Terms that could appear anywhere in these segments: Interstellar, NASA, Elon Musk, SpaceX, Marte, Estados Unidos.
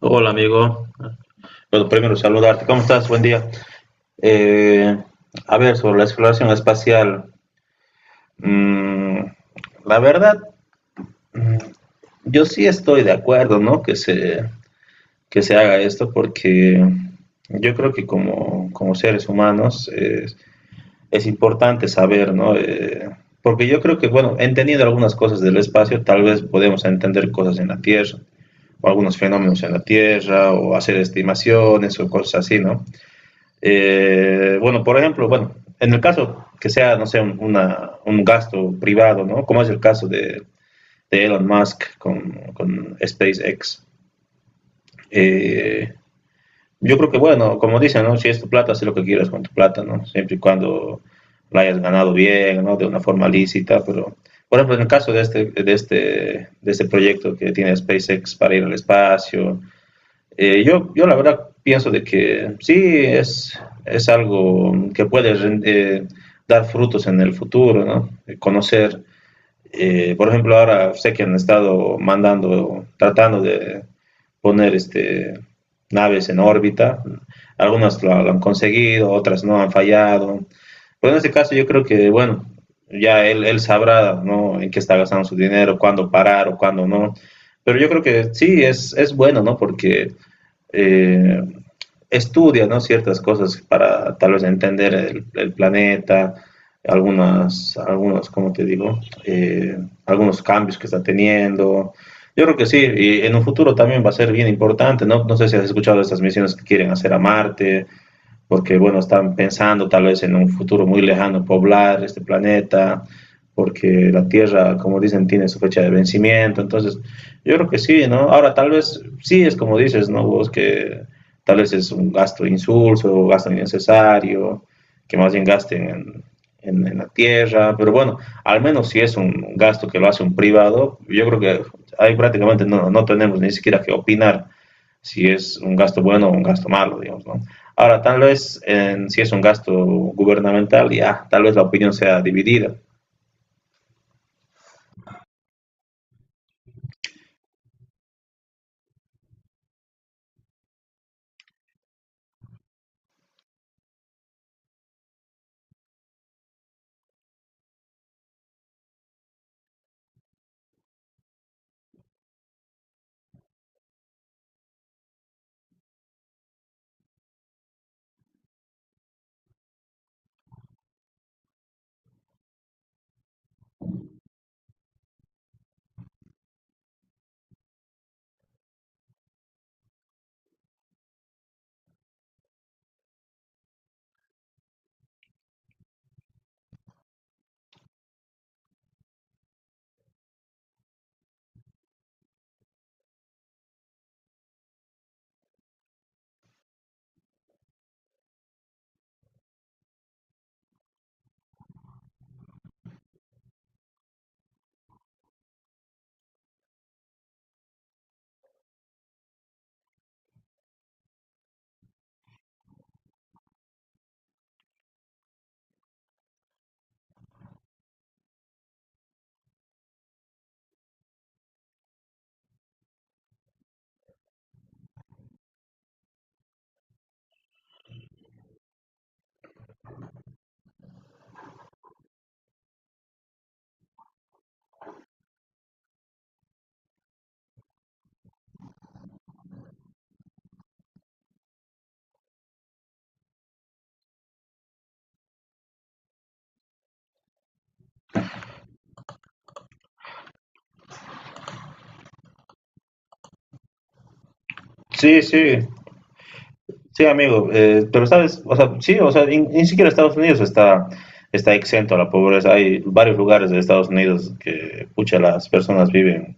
Hola amigo, bueno, primero saludarte, ¿cómo estás? Buen día. Eh, a ver, sobre la exploración espacial, mm, la verdad, mm, yo sí estoy de acuerdo, ¿no? Que se haga esto porque yo creo que como seres humanos es importante saber, ¿no? Porque yo creo que, bueno, entendiendo algunas cosas del espacio, tal vez podemos entender cosas en la Tierra, o algunos fenómenos en la Tierra, o hacer estimaciones o cosas así, ¿no? Bueno, por ejemplo, bueno, en el caso que sea, no sé, un gasto privado, ¿no? Como es el caso de Elon Musk con SpaceX. Eh, yo creo que, bueno, como dicen, ¿no? Si es tu plata, haz lo que quieras con tu plata, ¿no? Siempre y cuando la hayas ganado bien, ¿no? De una forma lícita, pero... Por ejemplo, en el caso de este proyecto que tiene SpaceX para ir al espacio, yo la verdad pienso de que sí es, es algo que puede eh, dar frutos en el futuro, ¿no? Conocer, por ejemplo, ahora sé que han estado mandando, tratando de poner naves en órbita. Lo han conseguido, otras no han fallado. Pero en este caso yo creo que, bueno, ya él sabrá, ¿no?, en qué está gastando su dinero, cuándo parar o cuándo no. Pero yo creo que sí, es bueno, ¿no? Porque eh, estudia, ¿no?, ciertas cosas para tal vez entender el planeta, algunos, ¿como te digo? Algunos cambios que está teniendo. Yo creo que sí, y en un futuro también va a ser bien importante, ¿no? No sé si has escuchado de estas misiones que quieren hacer a Marte, porque bueno, están pensando tal vez en un futuro muy lejano poblar este planeta, porque la Tierra, como dicen, tiene su fecha de vencimiento. Entonces yo creo que sí, ¿no? Ahora tal vez sí es como dices, ¿no? Vos que tal vez es un gasto insulso, un gasto innecesario, que más bien gasten en la tierra, pero bueno, al menos si es un gasto que lo hace un privado, yo creo que ahí prácticamente no, no tenemos ni siquiera que opinar, si es un gasto bueno o un gasto malo, digamos, ¿no? Ahora, si es un gasto gubernamental, ya, tal vez la opinión sea dividida. Sí, sí, sí, amigo, pero sabes, o sea, sí, o sea, ni siquiera Estados Unidos está exento a la pobreza. Hay varios lugares de Estados Unidos que, pucha, las personas viven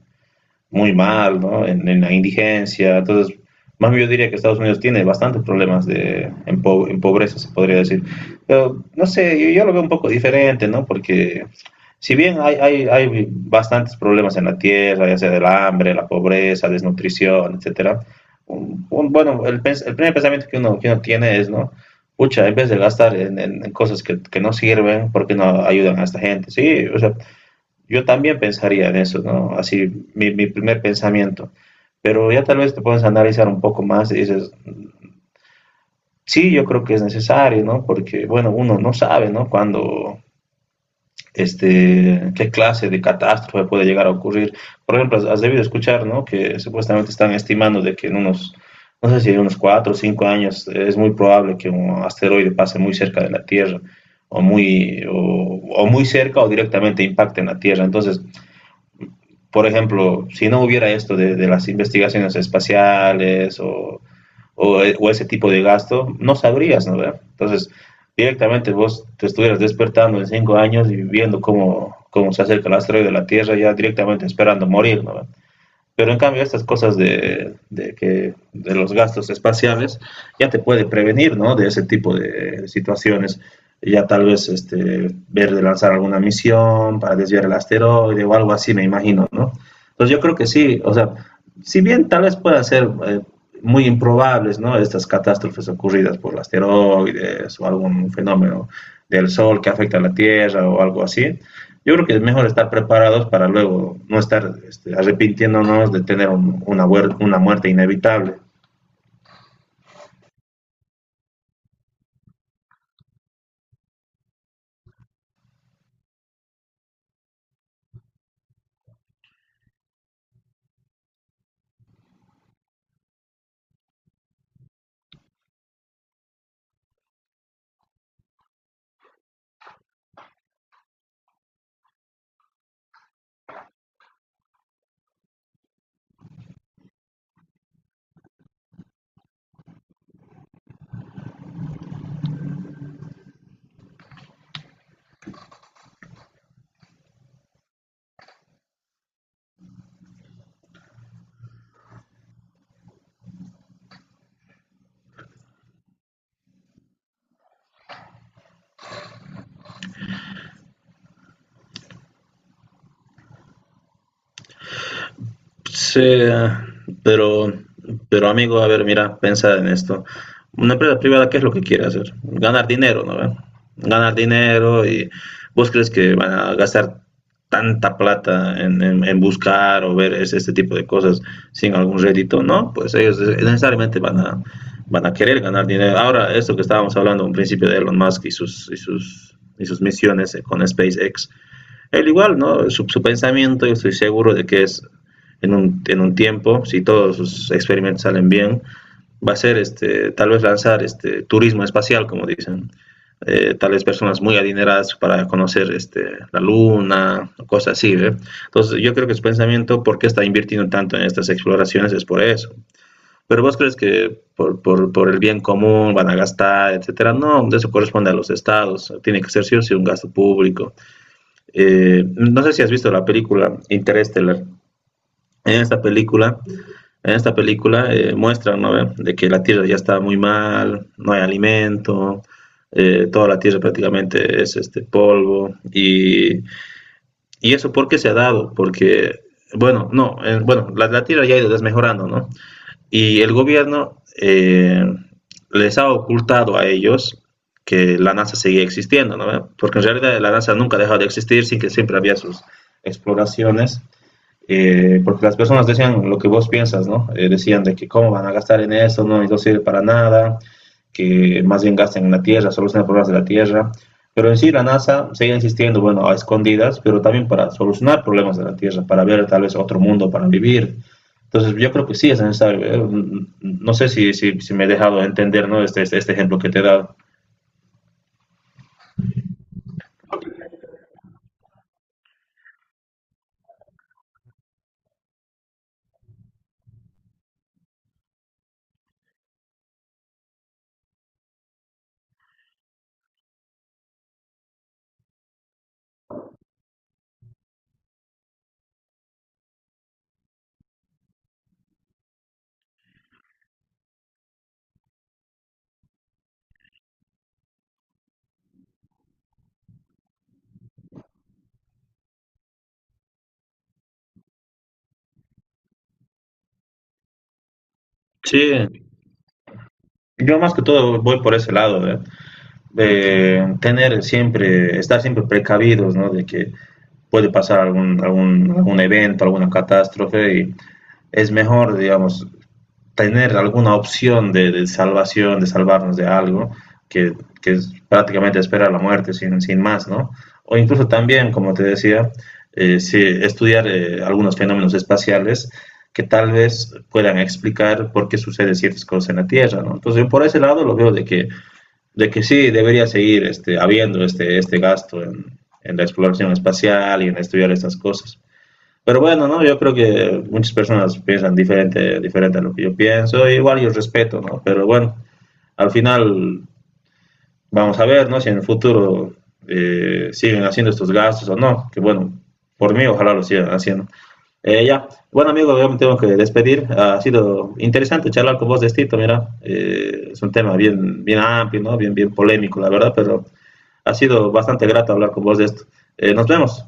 muy mal, ¿no? En la indigencia. Entonces, más bien yo diría que Estados Unidos tiene bastantes problemas en pobreza, se podría decir. Pero, no sé, yo lo veo un poco diferente, ¿no? Porque si bien hay bastantes problemas en la tierra, ya sea del hambre, la pobreza, desnutrición, etcétera, bueno, el primer pensamiento que que uno tiene es, ¿no? Pucha, en vez de gastar en cosas que no sirven, ¿por qué no ayudan a esta gente? Sí, o sea, yo también pensaría en eso, ¿no? Así, mi primer pensamiento. Pero ya tal vez te puedes analizar un poco más y dices, sí, yo creo que es necesario, ¿no? Porque, bueno, uno no sabe, ¿no? Qué clase de catástrofe puede llegar a ocurrir. Por ejemplo, has debido escuchar, ¿no?, que supuestamente están estimando de que en unos, no sé si en unos 4 o 5 años, es muy probable que un asteroide pase muy cerca de la Tierra o muy, o, o muy cerca o directamente impacte en la Tierra. Entonces, por ejemplo, si no hubiera esto de las investigaciones espaciales ese tipo de gasto, no sabrías, ¿no?, ¿verdad? Entonces, directamente vos te estuvieras despertando en 5 años y viendo cómo se acerca el asteroide de la Tierra, ya directamente esperando morir, ¿no? Pero en cambio estas cosas de los gastos espaciales ya te puede prevenir, ¿no?, de ese tipo de situaciones. Ya tal vez este, ver de lanzar alguna misión para desviar el asteroide o algo así, me imagino, ¿no? Entonces yo creo que sí, o sea, si bien tal vez puedan ser muy improbables, ¿no?, estas catástrofes ocurridas por asteroides o algún fenómeno del Sol que afecta a la Tierra o algo así, yo creo que es mejor estar preparados para luego no estar este, arrepintiéndonos de tener una muerte inevitable. Sí, pero, pero amigo, a ver, mira, piensa en esto. Una empresa privada, ¿qué es lo que quiere hacer? Ganar dinero, ¿no? ¿Ve? Ganar dinero, y vos crees que van a gastar tanta plata en buscar o ver este tipo de cosas sin algún rédito, ¿no? Pues ellos, necesariamente van a querer ganar dinero. Ahora, esto que estábamos hablando en principio de Elon Musk y sus misiones con SpaceX, él igual, ¿no? Su pensamiento, yo estoy seguro de que es en en un tiempo, si todos sus experimentos salen bien, va a ser este, tal vez lanzar este turismo espacial, como dicen. Tal vez personas muy adineradas para conocer este, la luna, cosas así. ¿Eh? Entonces, yo creo que su pensamiento, ¿por qué está invirtiendo tanto en estas exploraciones? Es por eso. Pero vos crees que por el bien común van a gastar, etcétera. No, eso corresponde a los estados. Tiene que ser sí o sí un gasto público. No sé si has visto la película Interstellar. En esta película, en esta película, muestran, ¿no?, de que la tierra ya está muy mal, no hay alimento, toda la tierra prácticamente es este polvo. Y eso, ¿por qué se ha dado? Porque, bueno, no, la tierra ya ha ido desmejorando, ¿no? Y el gobierno les ha ocultado a ellos que la NASA seguía existiendo, ¿no? Porque en realidad la NASA nunca ha dejado de existir, sin que siempre había sus exploraciones, porque las personas decían lo que vos piensas, ¿no? Decían de que cómo van a gastar en eso, no, no sirve para nada, que más bien gasten en la Tierra, solucionan problemas de la Tierra. Pero en sí la NASA sigue insistiendo, bueno, a escondidas, pero también para solucionar problemas de la Tierra, para ver tal vez otro mundo para vivir. Entonces yo creo que sí es necesario. No sé si me he dejado entender, ¿no? Este ejemplo que te he dado. Sí, yo más que todo voy por ese lado, de tener siempre, estar siempre precavidos, ¿no? De que puede pasar algún evento, alguna catástrofe, y es mejor, digamos, tener alguna opción de salvación, de salvarnos de algo, que, que es prácticamente esperar la muerte sin más, ¿no? O incluso también, como te decía, sí, estudiar algunos fenómenos espaciales que tal vez puedan explicar por qué sucede ciertas cosas en la Tierra, ¿no? Entonces, yo por ese lado lo veo de que sí debería seguir este, habiendo este, este gasto en la exploración espacial y en estudiar estas cosas. Pero bueno, ¿no? Yo creo que muchas personas piensan diferente, diferente a lo que yo pienso, igual yo respeto, ¿no? Pero bueno, al final vamos a ver, ¿no? Si en el futuro siguen haciendo estos gastos o no, que bueno, por mí ojalá lo sigan haciendo. Ya, bueno amigo, yo me tengo que despedir. Ha sido interesante charlar con vos de esto, mira, es un tema bien, bien amplio, ¿no? Bien, bien polémico, la verdad, pero ha sido bastante grato hablar con vos de esto. Nos vemos.